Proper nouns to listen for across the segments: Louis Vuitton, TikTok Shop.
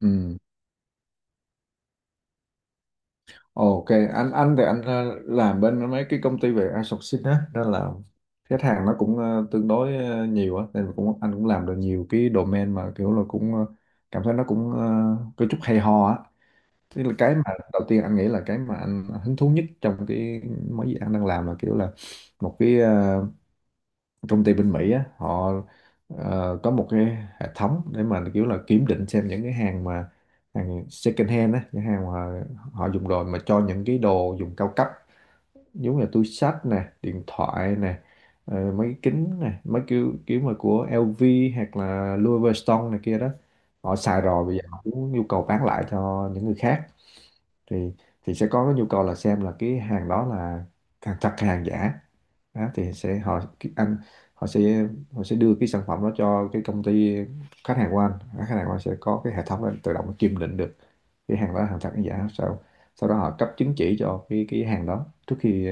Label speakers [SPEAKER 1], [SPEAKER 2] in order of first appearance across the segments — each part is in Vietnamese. [SPEAKER 1] Ừ. Ok, anh thì anh làm bên mấy cái công ty về outsourcing á, nên là khách hàng nó cũng tương đối nhiều á, nên anh cũng làm được nhiều cái domain mà kiểu là cảm thấy nó có chút hay ho á. Tức là cái mà đầu tiên anh nghĩ là cái mà anh hứng thú nhất trong cái mấy gì anh đang làm là kiểu là một cái công ty bên Mỹ á, họ có một cái hệ thống để mà kiểu là kiểm định xem những cái hàng mà hàng second hand á, những hàng mà họ dùng rồi mà cho những cái đồ dùng cao cấp giống như là túi xách nè, điện thoại nè, mấy cái kính nè, mấy kiểu kiểu mà của LV hoặc là Louis Vuitton này kia đó, họ xài rồi bây giờ họ cũng nhu cầu bán lại cho những người khác. Thì thì sẽ có cái nhu cầu là xem là cái hàng đó là hàng thật hay hàng giả. Đó, thì sẽ họ anh họ sẽ họ sẽ đưa cái sản phẩm đó cho cái công ty khách hàng của anh. Đó, khách hàng của anh sẽ có cái hệ thống để tự động kiểm định được cái hàng đó là hàng thật hay giả sau sau đó họ cấp chứng chỉ cho cái hàng đó trước khi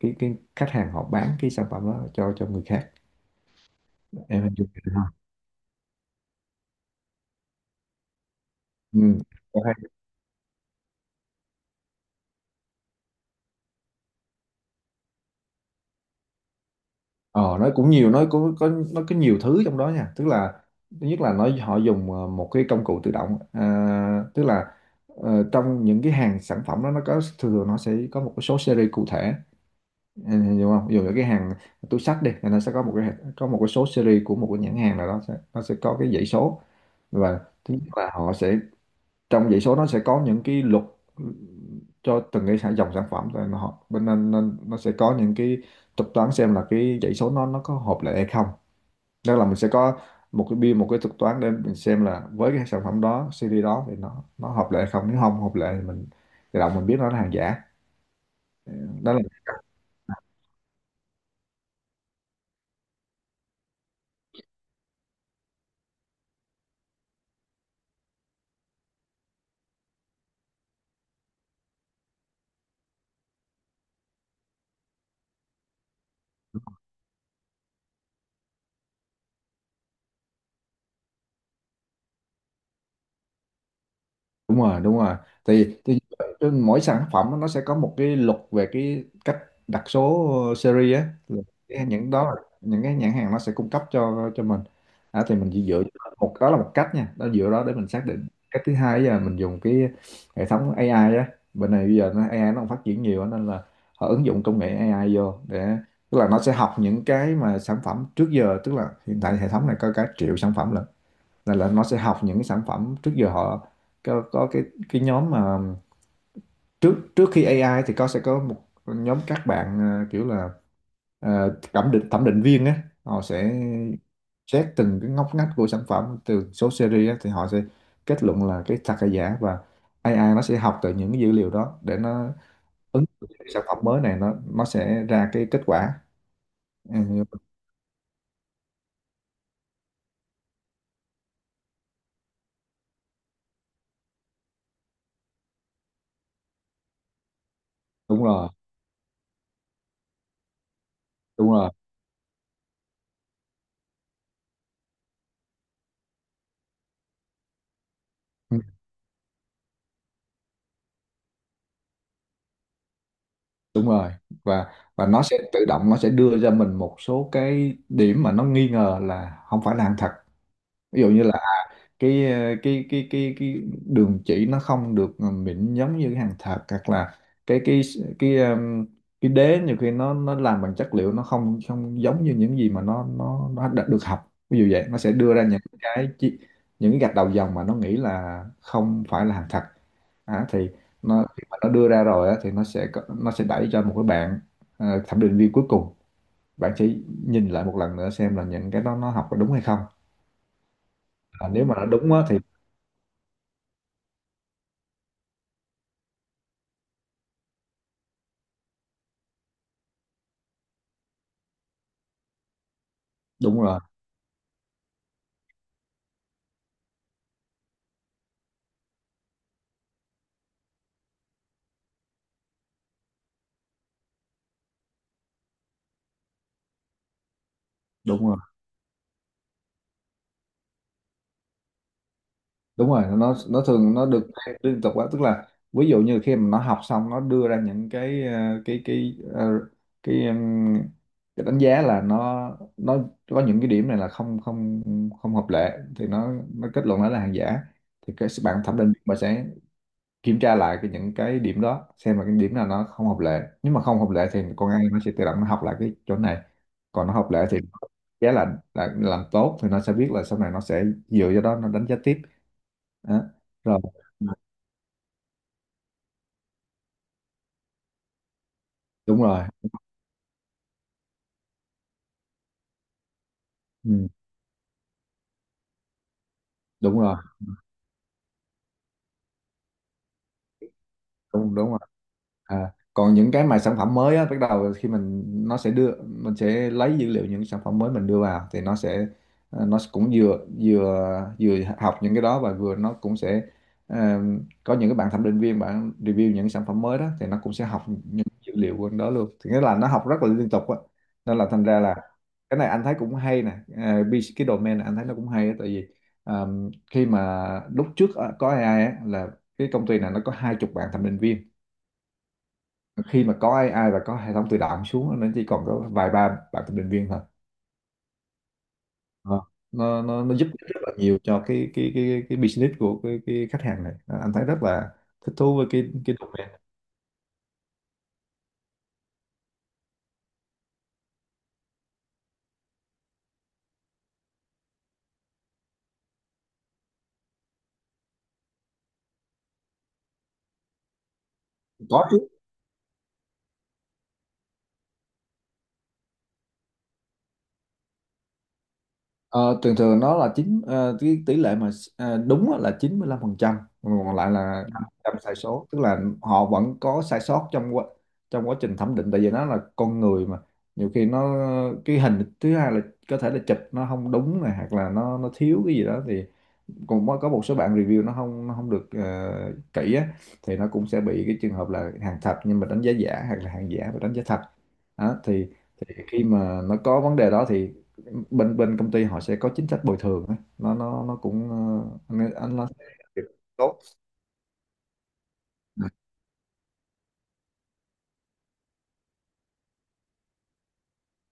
[SPEAKER 1] cái khách hàng họ bán cái sản phẩm đó cho người khác. Em hình dung được không? ừ. Ờ, nó cũng nhiều, nó có nhiều thứ trong đó nha, tức là thứ nhất là họ dùng một cái công cụ tự động, à, tức là trong những cái hàng sản phẩm đó nó có thường thường nó sẽ có một cái số series cụ thể. Ừ, hiểu không, dù là cái hàng túi xách đi thì nó sẽ có một cái số series của một cái nhãn hàng nào đó sẽ, nó sẽ có cái dãy số. Và thứ nhất là họ sẽ trong dãy số nó sẽ có những cái luật cho từng cái dòng sản phẩm rồi mà họ bên nên nó sẽ có những cái thuật toán xem là cái dãy số nó có hợp lại hay không, tức là mình sẽ có một cái biên, một cái thuật toán để mình xem là với cái sản phẩm đó, series đó thì nó hợp lại hay không, nếu không hợp lại thì mình tự động mình biết nó là hàng giả. Đó là đúng rồi, thì trên mỗi sản phẩm nó sẽ có một cái luật về cái cách đặt số series á. Là những đó là những cái nhãn hàng nó sẽ cung cấp cho mình. À, thì mình chỉ dựa một đó là một cách nha, đó dựa đó để mình xác định. Cách thứ hai là mình dùng cái hệ thống AI á, bên này bây giờ nó AI nó còn phát triển nhiều á, nên là họ ứng dụng công nghệ AI vô để, tức là nó sẽ học những cái mà sản phẩm trước giờ, tức là hiện tại hệ thống này có cả triệu sản phẩm lận. Là nó sẽ học những cái sản phẩm trước giờ họ có cái nhóm mà trước trước khi AI thì có sẽ có một nhóm các bạn kiểu là thẩm định thẩm định viên á, họ sẽ xét từng cái ngóc ngách của sản phẩm từ số series á, thì họ sẽ kết luận là cái thật hay giả. Và AI nó sẽ học từ những cái dữ liệu đó để nó ứng dụng cái sản phẩm mới này, nó sẽ ra cái kết quả. Ừ, đúng rồi đúng rồi Ừ. Đúng rồi, và nó sẽ tự động nó sẽ đưa ra mình một số cái điểm mà nó nghi ngờ là không phải là hàng thật. Ví dụ như cái ờ, cái đường chỉ nó không được mịn giống như cái hàng thật, hoặc là cái cái cái um, cái đế nhiều khi nó làm bằng chất liệu nó không không giống như những gì mà nó đã được học. Ví dụ vậy nó sẽ đưa ra những những cái gạch đầu dòng mà nó nghĩ là không phải là hàng thật. À, thì nó khi mà nó đưa ra rồi á, thì nó sẽ đẩy cho một cái bạn thẩm định viên cuối cùng, bạn sẽ nhìn lại một lần nữa xem là những cái đó nó học có đúng hay không. À, nếu mà nó đúng á, thì đúng rồi đúng rồi đúng rồi, nó thường nó được liên tục quá, tức là ví dụ như khi mà nó học xong nó đưa ra những cái ờ, cái ờ, cái ừm, cái đánh giá là nó nó có những cái điểm này là không không không hợp lệ thì nó kết luận nó là hàng giả, thì cái bạn thẩm định bà sẽ kiểm tra lại những cái điểm đó xem là cái điểm nào nó không hợp lệ. Nếu mà không hợp lệ thì con AI nó sẽ tự động nó học lại cái chỗ này, còn nó hợp lệ thì giá là làm tốt, thì nó sẽ biết là sau này nó sẽ dựa vào đó nó đánh giá tiếp. Đó. Rồi đúng rồi ừ. đúng rồi đúng đúng rồi À, còn những cái mà sản phẩm mới á, bắt đầu khi mình nó sẽ đưa mình sẽ lấy dữ liệu những sản phẩm mới mình đưa vào thì nó sẽ nó cũng vừa vừa vừa học những cái đó và vừa nó cũng sẽ ờ, có những cái bạn thẩm định viên bạn review những sản phẩm mới đó thì nó cũng sẽ học những dữ liệu của đó luôn, thì nghĩa là nó học rất là liên tục á, nên là thành ra là cái này anh thấy cũng hay nè. Cái domain này anh thấy nó cũng hay á, tại vì ờ, khi mà lúc trước á, có AI á, là cái công ty này nó có 20 bạn thẩm định viên, khi mà có AI và có hệ thống tự động xuống nó chỉ còn có vài ba bạn thẩm định viên thôi. Ờ. Nó giúp rất là nhiều cho cái business của cái khách hàng này. Ờ, anh thấy rất là thích thú với cái domain. Có chứ. Ờ, thường thường nó là cái tỷ lệ mà đúng á là 95%, còn lại là 5% sai số, tức là họ vẫn có sai sót trong trong quá trình thẩm định. Tại vì nó là con người mà, nhiều khi nó cái hình thứ hai là có thể là chụp nó không đúng này, hoặc là nó thiếu cái gì đó thì còn có một số bạn review nó không được kỹ á, thì nó cũng sẽ bị cái trường hợp là hàng thật nhưng mà đánh giá giả, hoặc là hàng giả và đánh giá thật. Đó, thì khi mà nó có vấn đề đó thì bên bên công ty họ sẽ có chính sách bồi thường á. Nó cũng anh nó sẽ tốt.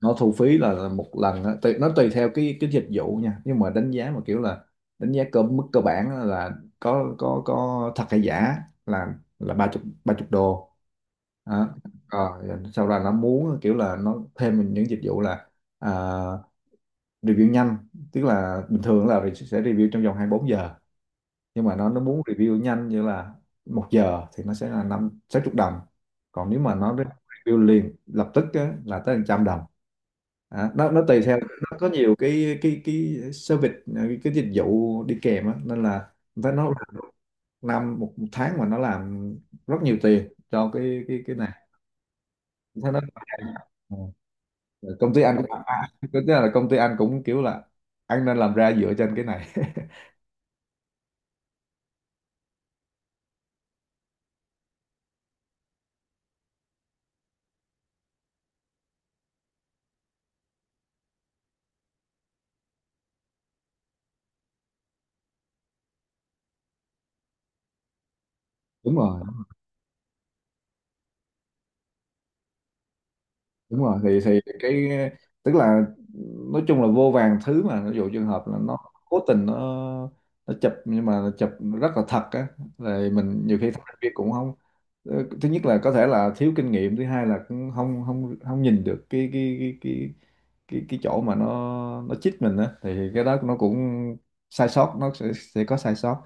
[SPEAKER 1] Nó thu phí là một lần á, nó tùy theo cái dịch vụ nha, nhưng mà đánh giá mà kiểu là đánh giá cơ mức cơ bản á là có thật hay giả là 30 đô. Đó. Rồi, sau đó nó muốn kiểu là nó thêm những dịch vụ là, à, review nhanh, tức là bình thường là sẽ review trong vòng 24 giờ, nhưng mà nó muốn review nhanh như là một giờ thì nó sẽ là năm sáu chục đồng, còn nếu mà nó review liền lập tức á, là tới hàng trăm đồng. À, nó tùy theo nó có nhiều cái service, cái dịch vụ đi kèm á, nên là với nó làm một tháng mà nó làm rất nhiều tiền cho cái này thế nó. Ừ. Rồi công ty anh cũng tức là công ty anh cũng kiểu là anh nên làm ra dựa trên cái này đúng rồi đúng rồi, thì cái tức là nói chung là vô vàn thứ mà, ví dụ trường hợp là nó cố tình nó chụp nhưng mà nó chụp rất là thật á, rồi mình nhiều khi thành viên cũng không, ờ, thứ nhất là có thể là thiếu kinh nghiệm, thứ hai là cũng không không không nhìn được cái chỗ mà nó chích mình á, thì cái đó nó cũng sai sót, nó sẽ có sai sót.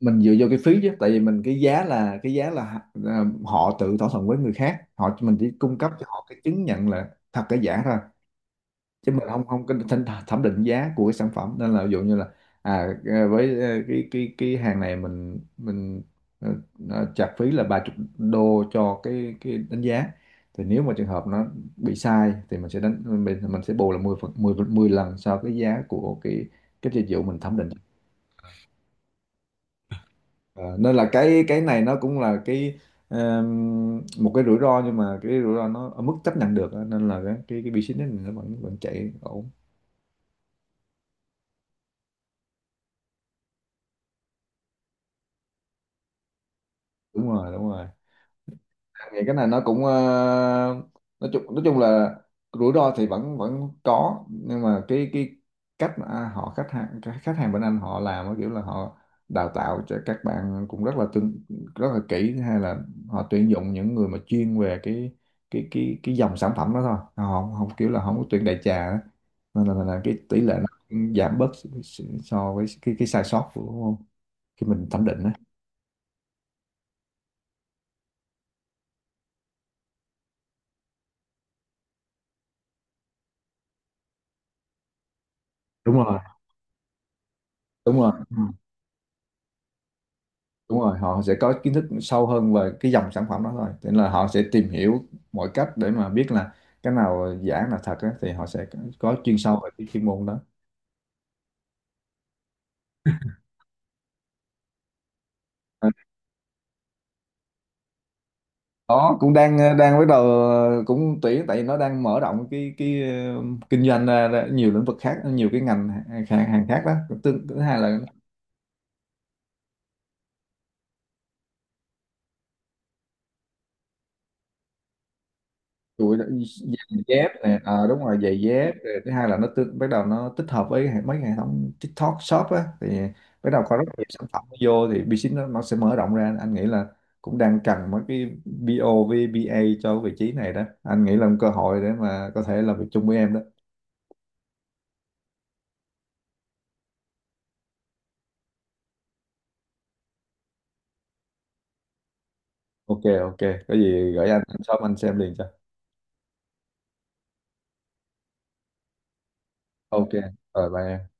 [SPEAKER 1] Mình dựa vô cái phí chứ, tại vì mình cái giá là, à, họ tự thỏa thuận với người khác họ, mình chỉ cung cấp cho họ cái chứng nhận là thật cái giả thôi, chứ mình không không có thẩm thẩm định giá của cái sản phẩm. Nên là ví dụ như là à à, với ờ, cái hàng này mình ờ, nó chặt phí là 30 đô cho cái đánh giá, thì nếu mà trường hợp nó bị sai thì mình sẽ đánh mình sẽ bù là 10 phần 10 10 lần so với giá của cái dịch vụ mình thẩm định. Ờ, nên là cái này nó cũng là cái một cái rủi ro, nhưng mà cái rủi ro nó ở mức chấp nhận được á, nên là cái business này nó vẫn vẫn chạy ổn. Đúng rồi. Anh nghĩ cái này nó cũng ờ, nói chung là rủi ro thì vẫn vẫn có, nhưng mà cái cách mà họ khách hàng cái khách hàng bên anh họ làm á, kiểu là họ đào tạo cho các bạn cũng rất là kỹ, hay là họ tuyển dụng những người mà chuyên về cái dòng sản phẩm đó thôi, họ không kiểu là không có tuyển đại trà á, nên là cái tỷ lệ nó cũng giảm bớt so với cái sai sót của khi mình thẩm định á. đúng rồi đúng rồi Đúng rồi, họ sẽ có kiến thức sâu hơn về cái dòng sản phẩm đó thôi, thế nên là họ sẽ tìm hiểu mọi cách để mà biết là cái nào giả là thật á, thì họ sẽ có chuyên sâu về cái chuyên môn đó. À, đó cũng đang đang bắt đầu cũng tuyển, tại vì nó đang mở rộng kinh doanh ra, ra nhiều lĩnh vực khác, nhiều cái ngành hàng khác đó. Thứ hai là chuỗi đó, giày dép nè, à, đúng rồi, giày dép. Rồi thứ hai là bắt đầu nó tích hợp với mấy hệ thống TikTok Shop á, thì bắt đầu có rất nhiều sản phẩm vô, thì business nó sẽ mở rộng ra. Anh nghĩ là cũng đang cần mấy cái BO với BA cho vị trí này đó, anh nghĩ là một cơ hội để mà có thể làm việc chung với em đó. Ok Ok, có gì gửi anh shop anh xem liền cho. Ok, rồi bye em.